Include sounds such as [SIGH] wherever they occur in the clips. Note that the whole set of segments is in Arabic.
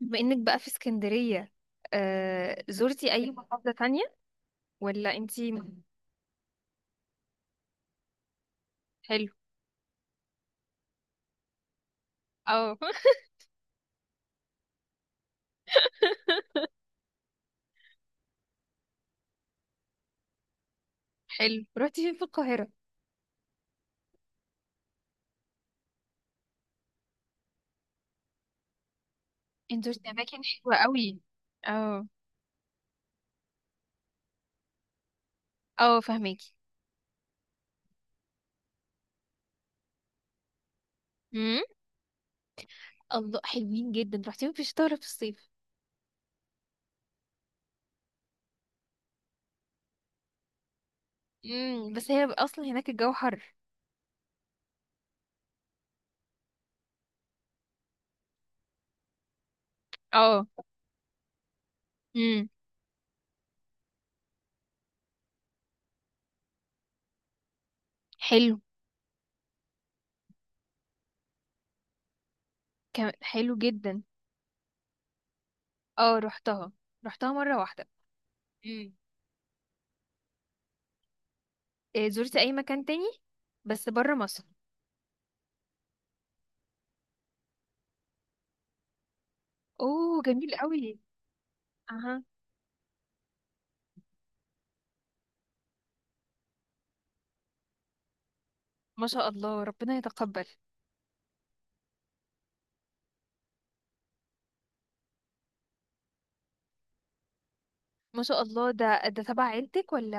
بما انك بقى في اسكندرية، زرتي اي محافظة تانية ولا انتي؟ حلو. اه [LAUGHS] حلو، روحتي فين في القاهرة؟ انت زرتي اماكن حلوة قوي. اه، اه، فهماكي. امم. الله، حلوين جدا. روحتي فين، في الشتاء ولا في الصيف؟ بس هي اصلا هناك الجو حر. اه. امم. حلو. حلو جدا. اه، روحتها. روحتها مرة واحدة. امم. زرتي اي مكان تاني، بس برا مصر؟ اوه، جميل قوي. اها. ما شاء الله، ربنا يتقبل. ما شاء الله، ده تبع عيلتك ولا؟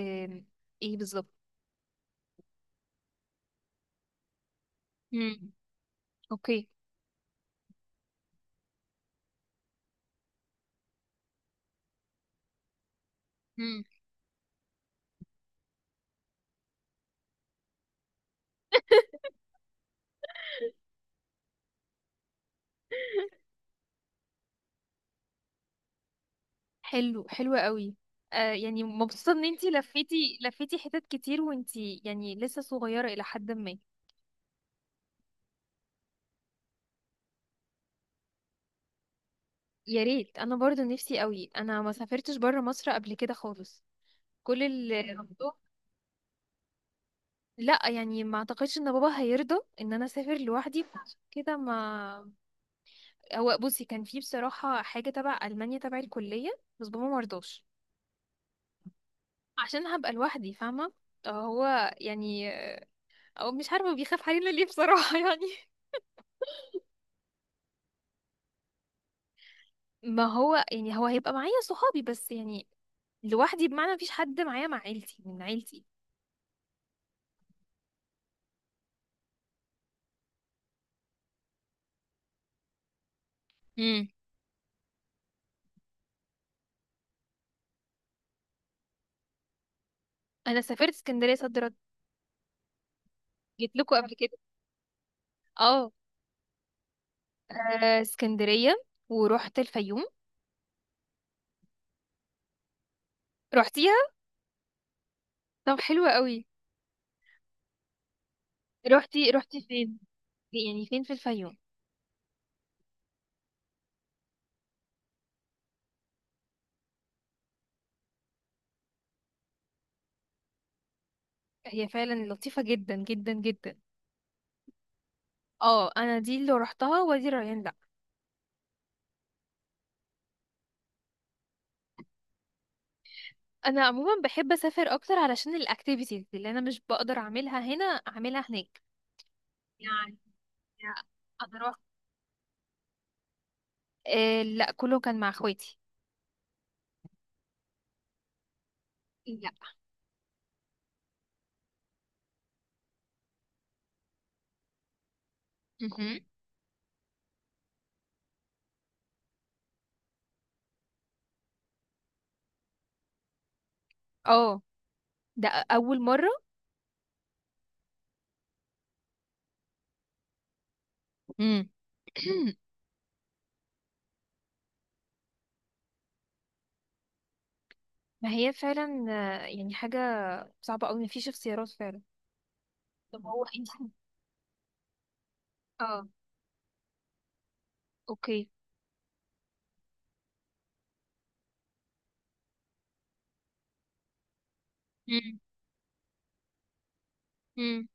آم، ايه بالظبط؟ امم. اوكي. امم. حلو، حلو قوي. يعني مبسوطة ان انتي لفيتي لفيتي حتت كتير، وانتي يعني لسه صغيرة الى حد ما. يا ريت، انا برضو نفسي قوي. انا ما سافرتش بره مصر قبل كده خالص. كل الموضوع... لا، يعني ما اعتقدش ان بابا هيرضى ان انا اسافر لوحدي، فعشان كده ما... هو بصي، كان في بصراحة حاجة تبع ألمانيا، تبع الكلية. بس بابا مرضاش. عشان هبقى لوحدي، فاهمة؟ هو يعني، او مش عارفة بيخاف علينا ليه بصراحة [LAUGHS] يعني. ما هو يعني، هو هيبقى معايا صحابي بس، يعني لوحدي بمعنى مفيش حد معايا، مع عيلتي، من عيلتي. امم. انا سافرت اسكندرية صد رد، جيت لكم قبل كده. اه. اسكندرية، ورحت الفيوم. رحتيها؟ طب، حلوة قوي. رحتي فين؟ يعني فين في الفيوم؟ هي فعلا لطيفة جدا جدا جدا. اه، انا دي اللي رحتها، وادي الريان، لا. انا عموما بحب اسافر اكتر، علشان الاكتيفيتيز اللي انا مش بقدر اعملها هنا اعملها هناك. يعني انا رحت... لا، كله كان مع اخواتي. لا. مهم. اه، ده اول مره. مم. [CLEARS THROAT] ما هي فعلا. يعني حاجه صعبه قوي، مفيش اختيارات فعلا. طب هو انت [LAUGHS] اه. اوكي. مم. مم.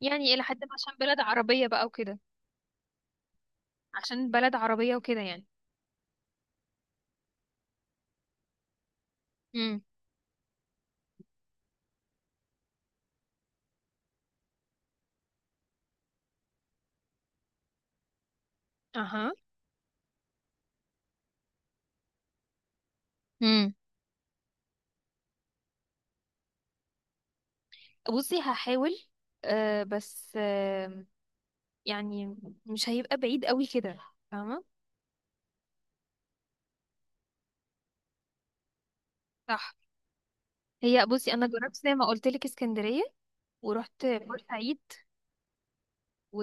يعني الى حد ما، عشان بلد عربيه بقى وكده. عشان بلد عربيه وكده، يعني. مم. اها. بصي هحاول. بس يعني مش هيبقى بعيد قوي كده، فاهمة؟ صح. هي بصي انا جربت زي ما قلت لك اسكندرية، ورحت بورسعيد و... [LAUGHS]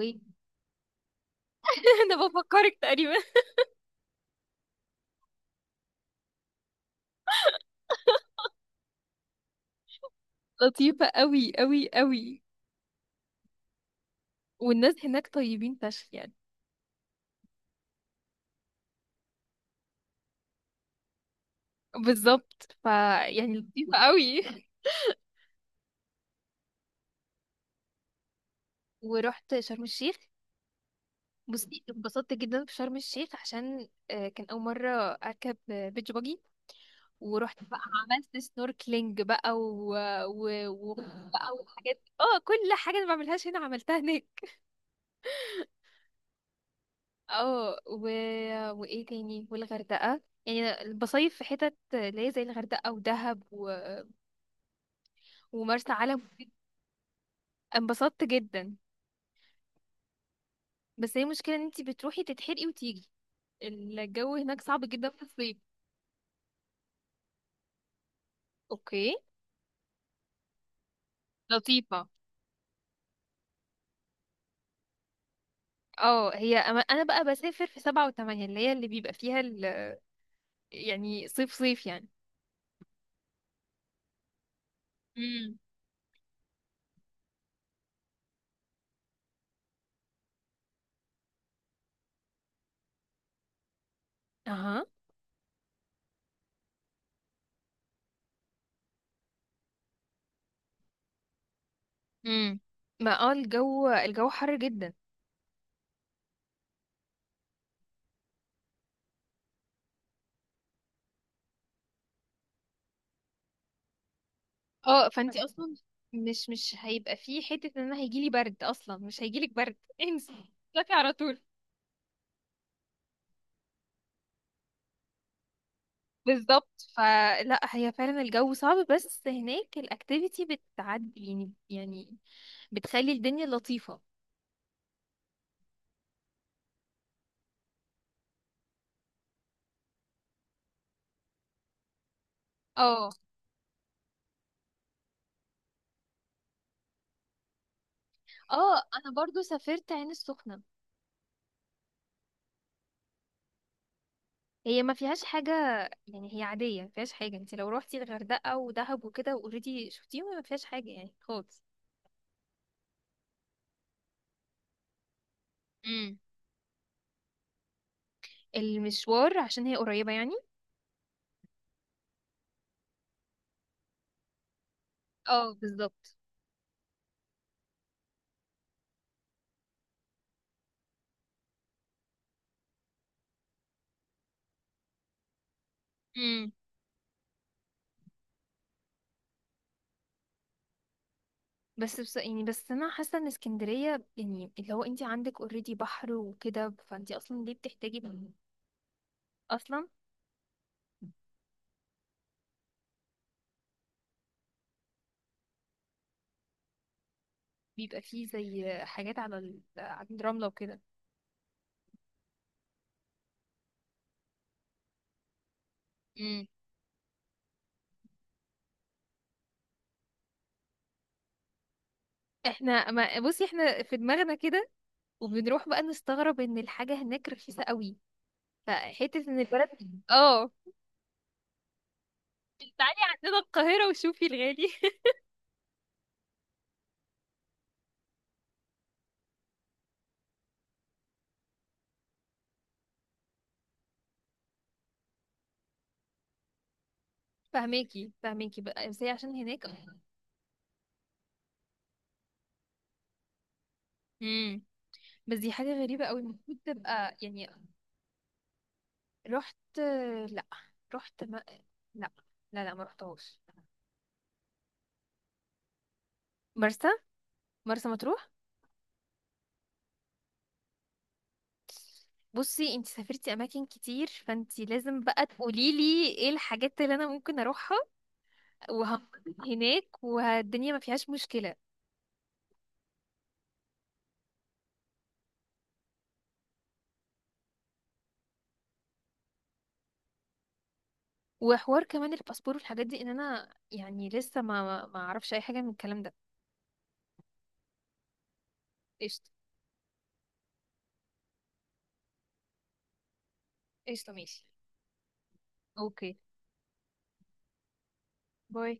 انا بفكرك تقريبا. لطيفة قوي قوي قوي. والناس هناك طيبين فشخ يعني. بالظبط، يعني لطيفة قوي. ورحت شرم الشيخ. بصي اتبسطت جدا في شرم الشيخ، عشان كان اول مرة اركب بيتش باجي. ورحت بقى، عملت سنوركلينج بقى و... و... بقى وحاجات. اه، كل حاجة أنا ما بعملهاش هنا عملتها هناك. اه، وايه تاني؟ والغردقة، يعني أنا بصيف في حتت اللي هي زي الغردقة ودهب ومرسى علم. انبسطت جدا. بس هي المشكلة ان انتي بتروحي تتحرقي وتيجي، الجو هناك صعب جدا في الصيف. اوكي. لطيفة. اه، انا بقى بسافر في سبعة وثمانية، اللي هي اللي بيبقى فيها ال... يعني صيف صيف يعني. امم. اها. امم. ما الجو حر جدا. اه، فانتي اصلا مش هيبقى فيه حتة ان انا هيجيلي برد، اصلا مش هيجيلك برد [LAUGHS] انسي. تطلعي على طول. بالظبط، فلا هي فعلا الجو صعب، بس هناك الاكتيفيتي بتعدي، يعني بتخلي الدنيا لطيفة. اه. اه، انا برضو سافرت عين السخنة. هي ما فيهاش حاجة. يعني هي عادية ما فيهاش حاجة. انت لو روحتي الغردقة ودهب وكده اوريدي شفتيهم، ما فيهاش حاجة يعني خالص. المشوار، عشان هي قريبة يعني. اه، بالظبط. امم. بس يعني، بس انا حاسه ان اسكندريه، يعني اللي هو انت عندك اوريدي بحر وكده، فانت اصلا ليه بتحتاجي بحر؟ اصلا. بيبقى فيه زي حاجات على الرمله وكده. امم. احنا، ما بصي، احنا في دماغنا كده. وبنروح بقى نستغرب ان الحاجه هناك رخيصه قوي، فحته ان البلد. اه. تعالي عندنا القاهره، وشوفي الغالي [LAUGHS] فهماكي فهماكي بقى، بس هي عشان هناك. امم. بس دي حاجة غريبة قوي، المفروض تبقى يعني. رحت. لا، رحت ما... لا، لا، لا، ما رحتهاش. مرسى مرسى مطروح. بصي انتي سافرتي اماكن كتير، فانتي لازم بقى تقولي لي ايه الحاجات اللي انا ممكن اروحها وهنبسط هناك، والدنيا ما فيهاش مشكلة. وحوار كمان الباسبور والحاجات دي، ان انا يعني لسه ما اعرفش اي حاجة من الكلام ده. قشطة. قشطة، ماشي. اوكي. باي.